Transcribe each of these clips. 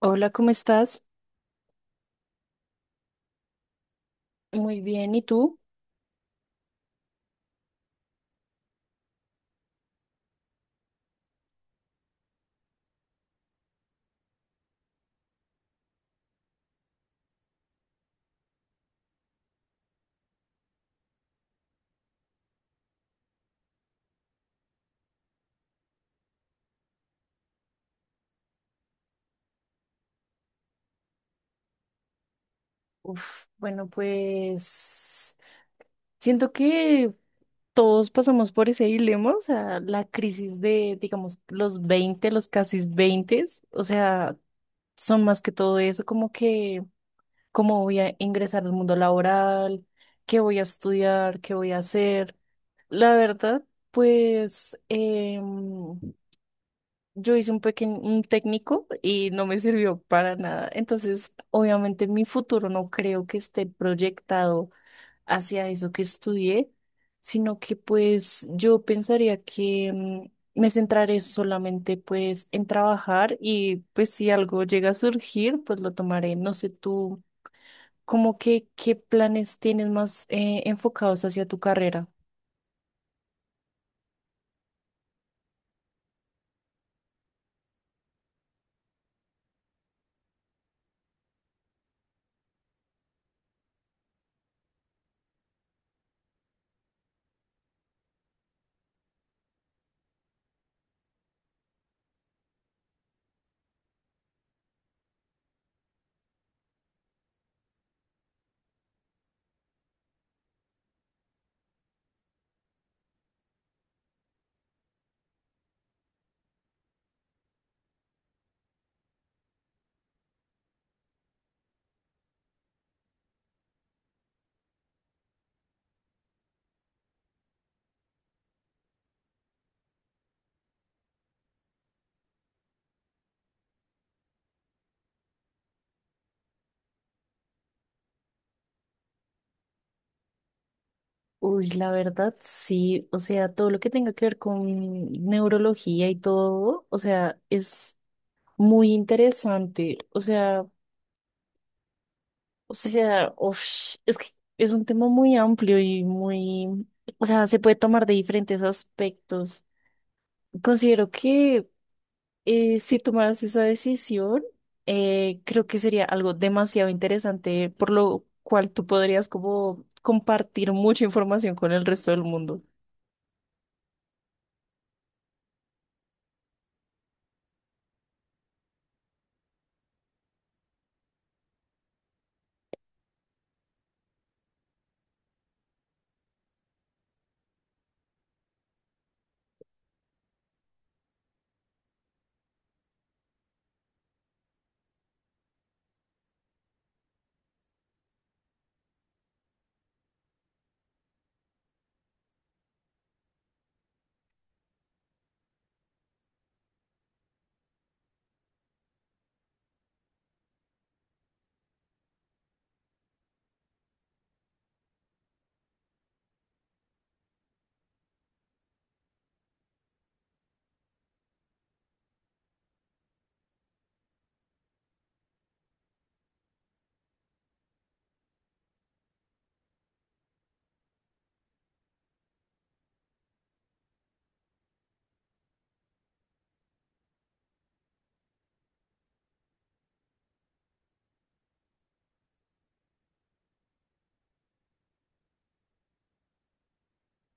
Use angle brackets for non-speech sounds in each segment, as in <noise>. Hola, ¿cómo estás? Muy bien, ¿y tú? Uf, bueno, pues siento que todos pasamos por ese dilema, o sea, la crisis de, digamos, los 20, los casi 20, o sea, son más que todo eso, como que, cómo voy a ingresar al mundo laboral, qué voy a estudiar, qué voy a hacer. La verdad, pues, yo hice un pequeño, un técnico y no me sirvió para nada. Entonces, obviamente, mi futuro no creo que esté proyectado hacia eso que estudié, sino que pues yo pensaría que me centraré solamente pues en trabajar y pues si algo llega a surgir, pues lo tomaré. No sé tú, ¿cómo que qué planes tienes más enfocados hacia tu carrera? Uy, la verdad, sí, o sea, todo lo que tenga que ver con neurología y todo, o sea, es muy interesante, o sea, uf, es que es un tema muy amplio y muy, o sea, se puede tomar de diferentes aspectos. Considero que si tomaras esa decisión, creo que sería algo demasiado interesante, por lo cual tú podrías como compartir mucha información con el resto del mundo.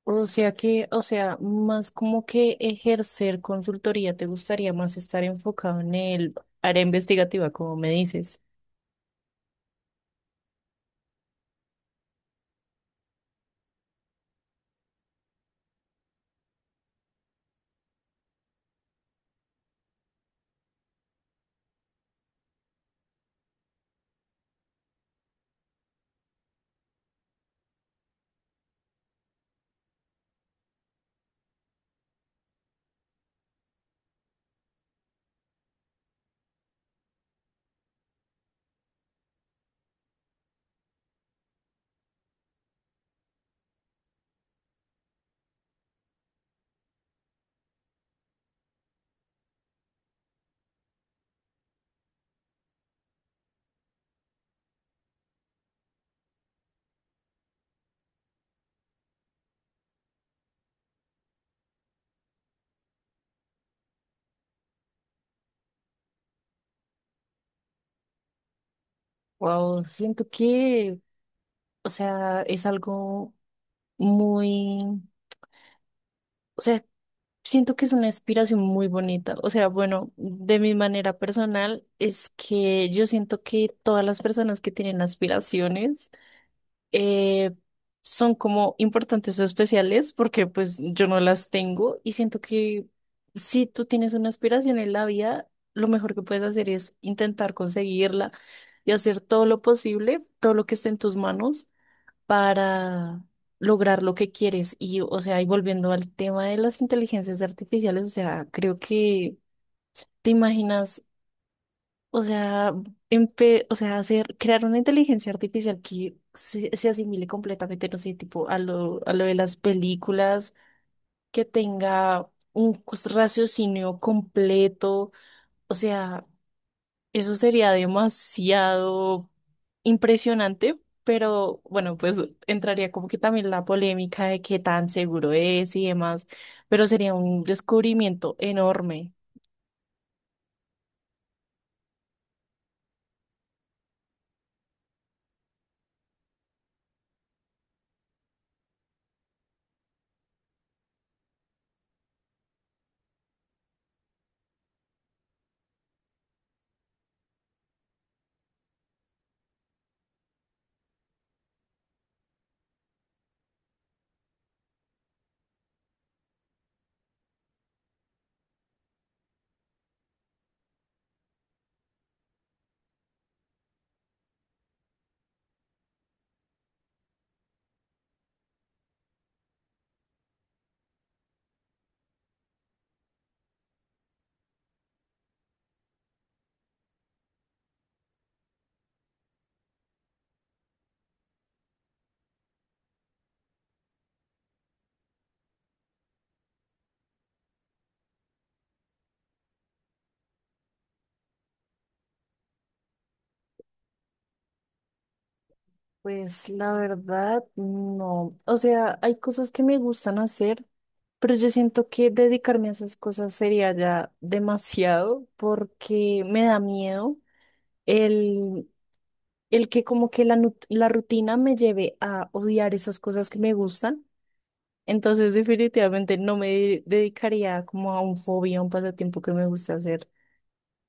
O sea que, o sea, más como que ejercer consultoría, ¿te gustaría más estar enfocado en el área investigativa, como me dices? Wow, siento que, o sea, es algo muy, o sea, siento que es una inspiración muy bonita. O sea, bueno, de mi manera personal es que yo siento que todas las personas que tienen aspiraciones eh, son como importantes o especiales porque pues yo no las tengo y siento que si tú tienes una aspiración en la vida, lo mejor que puedes hacer es intentar conseguirla y hacer todo lo posible, todo lo que esté en tus manos para lograr lo que quieres. Y, o sea, y volviendo al tema de las inteligencias artificiales, o sea, creo que te imaginas, o sea, o sea, hacer, crear una inteligencia artificial que se asimile completamente, no sé, tipo a lo de las películas, que tenga un raciocinio completo, o sea, eso sería demasiado impresionante, pero bueno, pues entraría como que también la polémica de qué tan seguro es y demás, pero sería un descubrimiento enorme. Pues la verdad, no. O sea, hay cosas que me gustan hacer, pero yo siento que dedicarme a esas cosas sería ya demasiado porque me da miedo el, el que como que la, la rutina me lleve a odiar esas cosas que me gustan. Entonces, definitivamente no me dedicaría como a un hobby, a un pasatiempo que me gusta hacer.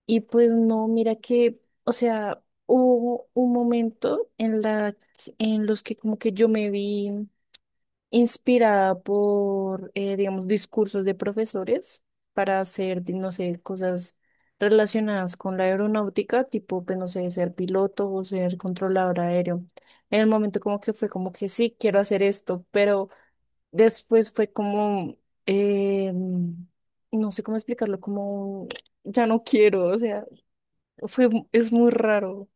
Y pues no, mira que, o sea, hubo un momento en la, en los que como que yo me vi inspirada por, digamos, discursos de profesores para hacer, no sé, cosas relacionadas con la aeronáutica, tipo, pues no sé, ser piloto o ser controlador aéreo. En el momento como que fue como que sí, quiero hacer esto, pero después fue como, no sé cómo explicarlo, como ya no quiero, o sea, fue, es muy raro.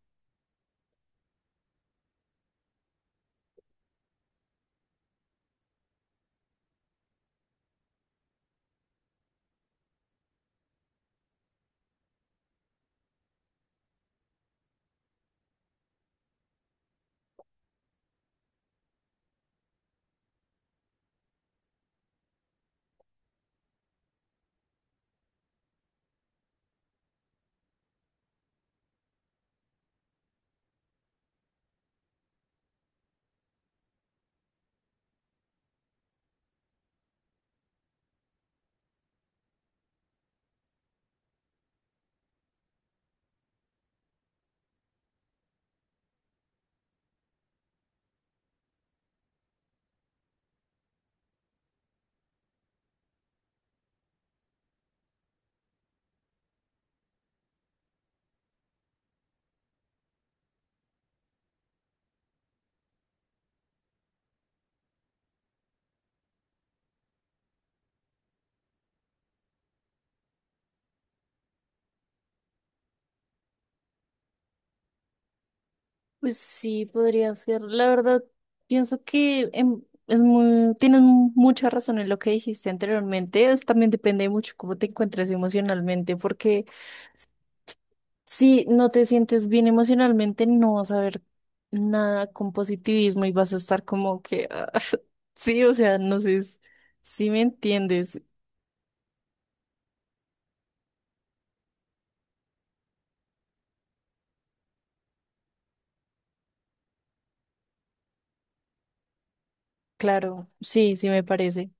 Pues sí, podría ser. La verdad, pienso que es muy, tienes mucha razón en lo que dijiste anteriormente. También depende mucho cómo te encuentres emocionalmente, porque si no te sientes bien emocionalmente, no vas a ver nada con positivismo y vas a estar como que, ah, <laughs> sí, o sea, no sé si me entiendes. Claro, sí, sí me parece.